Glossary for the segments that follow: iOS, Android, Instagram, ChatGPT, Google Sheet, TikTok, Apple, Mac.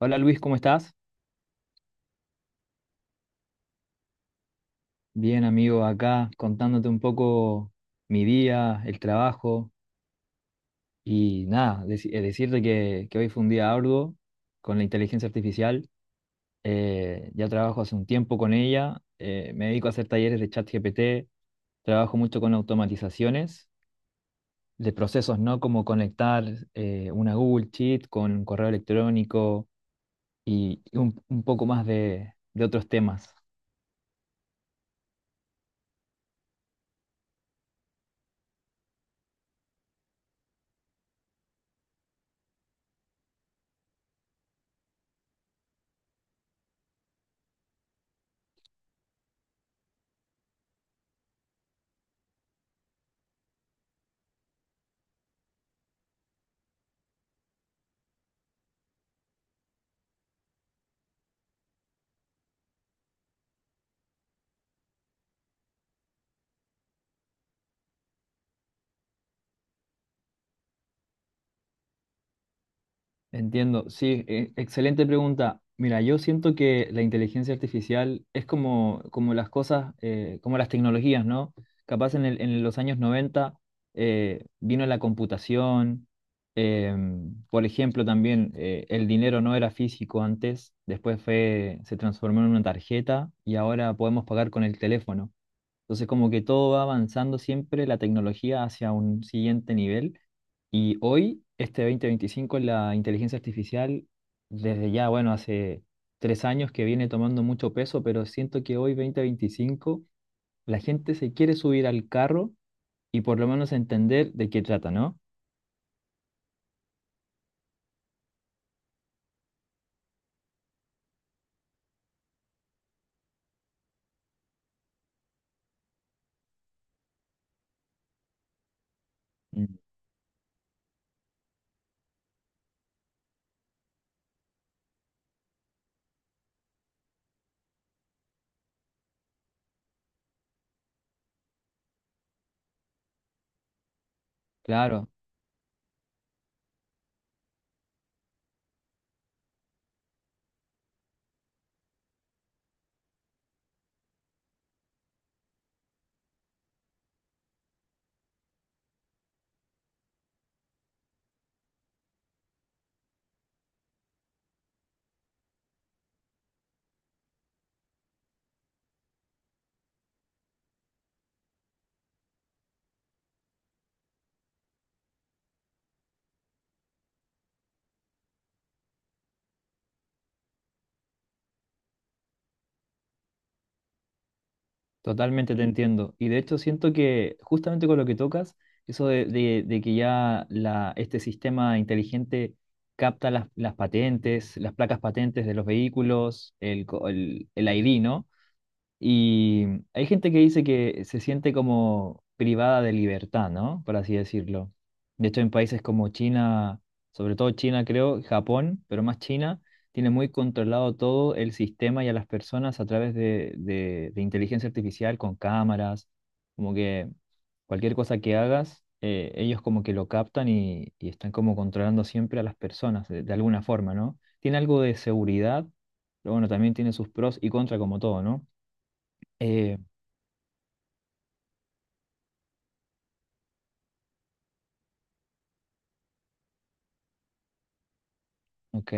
Hola Luis, ¿cómo estás? Bien, amigo, acá contándote un poco mi día, el trabajo y nada, decirte que hoy fue un día arduo con la inteligencia artificial. Ya trabajo hace un tiempo con ella, me dedico a hacer talleres de chat GPT, trabajo mucho con automatizaciones de procesos, ¿no? Como conectar una Google Sheet con un correo electrónico y un poco más de otros temas. Entiendo, sí, excelente pregunta. Mira, yo siento que la inteligencia artificial es como las cosas, como las tecnologías, ¿no? Capaz en los años 90 vino la computación, por ejemplo, también el dinero no era físico antes, después fue, se transformó en una tarjeta y ahora podemos pagar con el teléfono. Entonces, como que todo va avanzando siempre la tecnología hacia un siguiente nivel. Y hoy, este 2025, la inteligencia artificial, desde ya, bueno, hace 3 años que viene tomando mucho peso, pero siento que hoy, 2025, la gente se quiere subir al carro y por lo menos entender de qué trata, ¿no? Mm. Claro. Totalmente te entiendo. Y de hecho siento que justamente con lo que tocas, eso de que ya este sistema inteligente capta las patentes, las placas patentes de los vehículos, el ID, ¿no? Y hay gente que dice que se siente como privada de libertad, ¿no? Por así decirlo. De hecho, en países como China, sobre todo China, creo, Japón, pero más China, tiene muy controlado todo el sistema y a las personas a través de inteligencia artificial con cámaras, como que cualquier cosa que hagas, ellos como que lo captan y están como controlando siempre a las personas de alguna forma, ¿no? Tiene algo de seguridad, pero bueno, también tiene sus pros y contras como todo, ¿no? Eh, ok,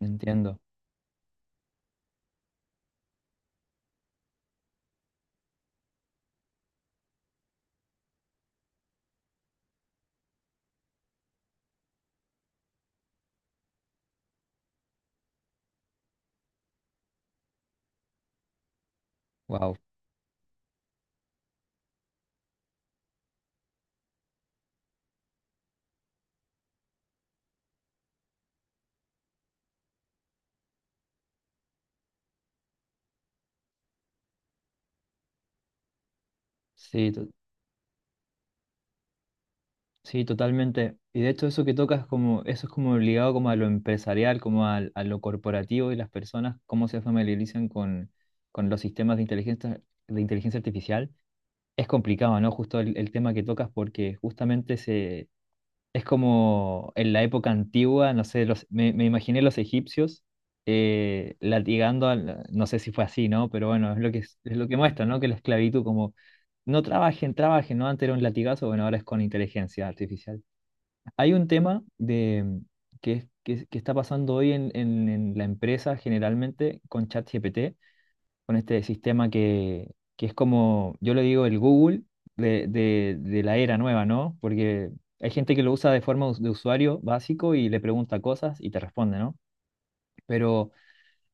entiendo. Wow. Sí, totalmente. Y de hecho eso que tocas como, eso es como ligado como a lo empresarial, como a lo corporativo y las personas, cómo se familiarizan con los sistemas de inteligencia artificial. Es complicado, ¿no? Justo el tema que tocas porque justamente. Es como en la época antigua, no sé, me imaginé los egipcios latigando, no sé si fue así, ¿no? Pero bueno, es lo que muestra, ¿no? Que la esclavitud como, no trabajen, trabajen, ¿no? Antes era un latigazo, bueno, ahora es con inteligencia artificial. Hay un tema de, que está pasando hoy en la empresa generalmente con ChatGPT, con este sistema que es como, yo le digo, el Google de la era nueva, ¿no? Porque hay gente que lo usa de forma de usuario básico y le pregunta cosas y te responde, ¿no? Pero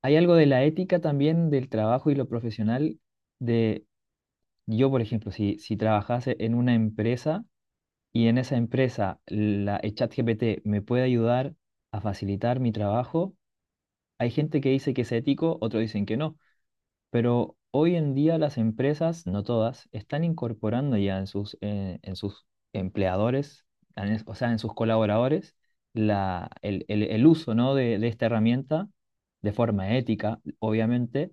hay algo de la ética también del trabajo y lo profesional de, yo, por ejemplo, si trabajase en una empresa y en esa empresa el ChatGPT me puede ayudar a facilitar mi trabajo, hay gente que dice que es ético, otros dicen que no. Pero hoy en día las empresas, no todas, están incorporando ya en sus empleadores, o sea, en sus colaboradores, el uso, ¿no? de esta herramienta de forma ética, obviamente,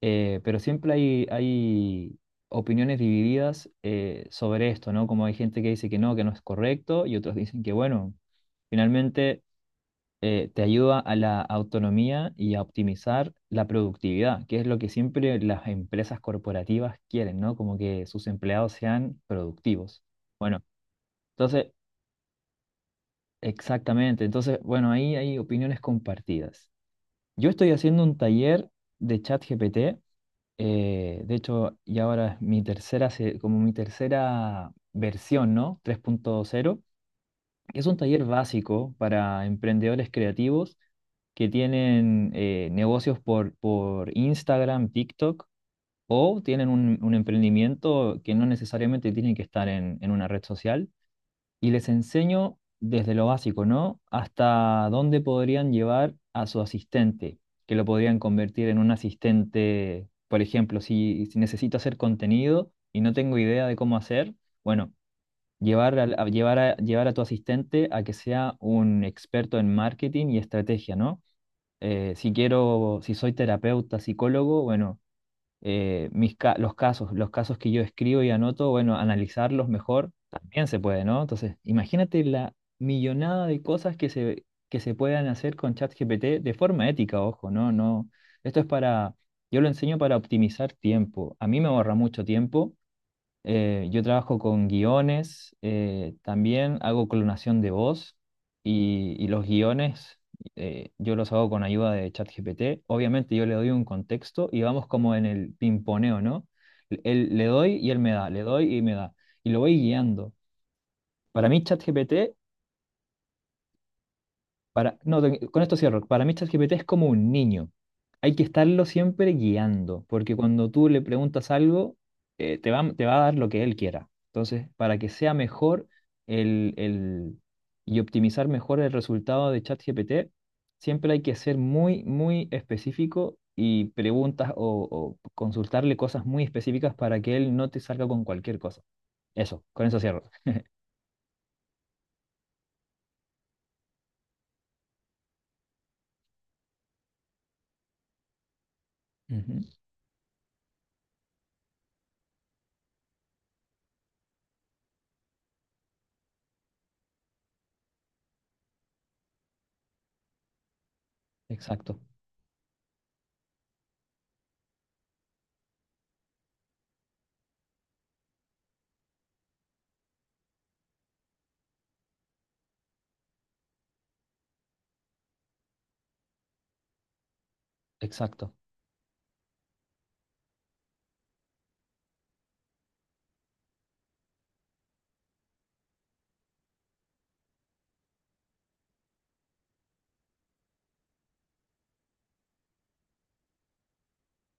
pero siempre hay opiniones divididas sobre esto, ¿no? Como hay gente que dice que no es correcto, y otros dicen que, bueno, finalmente te ayuda a la autonomía y a optimizar la productividad, que es lo que siempre las empresas corporativas quieren, ¿no? Como que sus empleados sean productivos. Bueno, entonces, exactamente. Entonces, bueno, ahí hay opiniones compartidas. Yo estoy haciendo un taller de ChatGPT. De hecho, y ahora es como mi tercera versión, ¿no? 3.0. Es un taller básico para emprendedores creativos que tienen negocios por Instagram, TikTok o tienen un emprendimiento que no necesariamente tienen que estar en una red social. Y les enseño desde lo básico, ¿no? Hasta dónde podrían llevar a su asistente, que lo podrían convertir en un asistente, por ejemplo, si necesito hacer contenido y no tengo idea de cómo hacer, bueno. Llevar a tu asistente a que sea un experto en marketing y estrategia, ¿no? Si soy terapeuta, psicólogo, bueno, mis ca- los casos que yo escribo y anoto, bueno, analizarlos mejor también se puede, ¿no? Entonces, imagínate la millonada de cosas que se puedan hacer con ChatGPT de forma ética, ojo, ¿no? No, esto es para, yo lo enseño para optimizar tiempo. A mí me ahorra mucho tiempo. Yo trabajo con guiones, también hago clonación de voz y los guiones yo los hago con ayuda de ChatGPT. Obviamente yo le doy un contexto y vamos como en el pimponeo, ¿no? Le doy y él me da, le doy y me da. Y lo voy guiando. Para mí ChatGPT Para, No, con esto cierro. Para mí ChatGPT es como un niño. Hay que estarlo siempre guiando, porque cuando tú le preguntas algo, te va a dar lo que él quiera. Entonces, para que sea mejor el, el- y optimizar mejor el resultado de ChatGPT, siempre hay que ser muy, muy específico y preguntas o consultarle cosas muy específicas para que él no te salga con cualquier cosa. Eso, con eso cierro. Ujú. Exacto, exacto.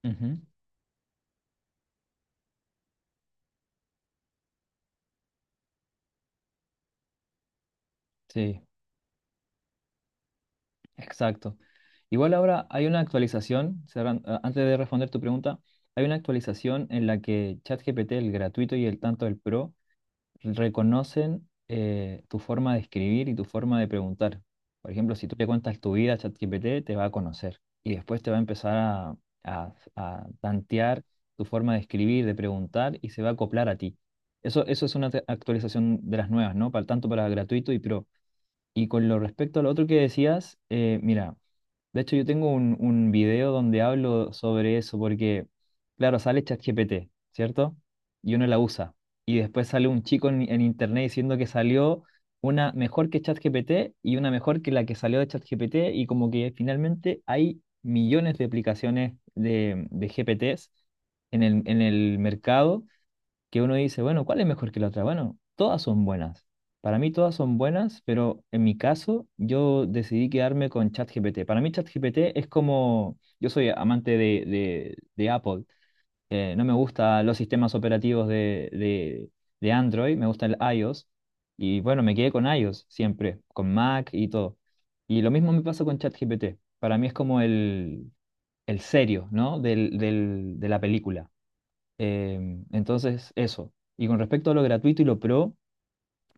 Ujú. Sí, exacto. Igual ahora hay una actualización, antes de responder tu pregunta, hay una actualización en la que ChatGPT, el gratuito y el tanto el pro, reconocen tu forma de escribir y tu forma de preguntar. Por ejemplo, si tú le cuentas tu vida a ChatGPT, te va a conocer y después te va a empezar a, a tantear tu forma de escribir, de preguntar y se va a acoplar a ti. Eso es una actualización de las nuevas, ¿no? Tanto para gratuito y pro. Y con lo respecto a lo otro que decías, mira. De hecho, yo tengo un video donde hablo sobre eso, porque, claro, sale ChatGPT, ¿cierto? Y uno la usa. Y después sale un chico en internet diciendo que salió una mejor que ChatGPT y una mejor que la que salió de ChatGPT. Y como que finalmente hay millones de aplicaciones de GPTs en el mercado que uno dice, bueno, ¿cuál es mejor que la otra? Bueno, todas son buenas. Para mí todas son buenas, pero en mi caso yo decidí quedarme con ChatGPT. Para mí ChatGPT es como, yo soy amante de Apple, no me gustan los sistemas operativos de Android, me gusta el iOS, y bueno, me quedé con iOS siempre, con Mac y todo. Y lo mismo me pasa con ChatGPT. Para mí es como el serio, ¿no? De la película. Entonces, eso. Y con respecto a lo gratuito y lo pro,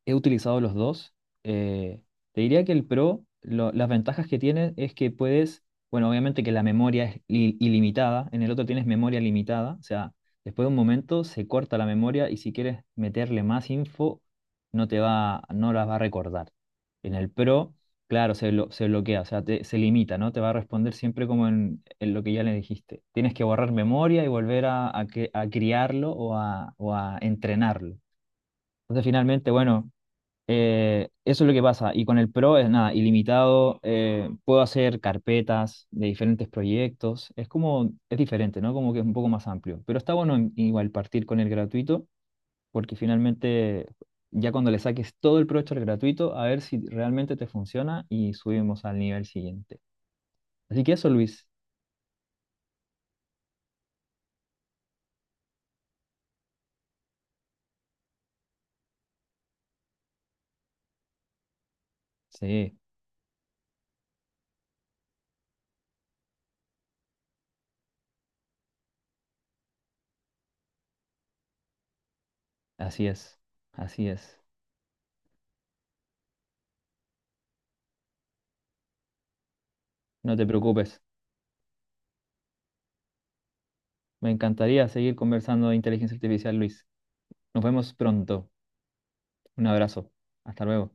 he utilizado los dos. eh, te diría que el Pro, las ventajas que tiene es que puedes, bueno, obviamente que la memoria es ilimitada, en el otro tienes memoria limitada, o sea, después de un momento se corta la memoria y si quieres meterle más info, no las va a recordar. En el Pro, claro, se bloquea, o sea, se limita, ¿no? Te va a responder siempre como en lo que ya le dijiste. Tienes que borrar memoria y volver a, a criarlo o a entrenarlo. Entonces, finalmente, bueno. Eso es lo que pasa. Y con el Pro es nada, ilimitado. Puedo hacer carpetas de diferentes proyectos. Es como, es diferente, ¿no? Como que es un poco más amplio. Pero está bueno igual partir con el gratuito, porque finalmente ya cuando le saques todo el provecho al gratuito, a ver si realmente te funciona y subimos al nivel siguiente. Así que eso, Luis. Sí, así es. Así es. No te preocupes. Me encantaría seguir conversando de inteligencia artificial, Luis. Nos vemos pronto. Un abrazo. Hasta luego.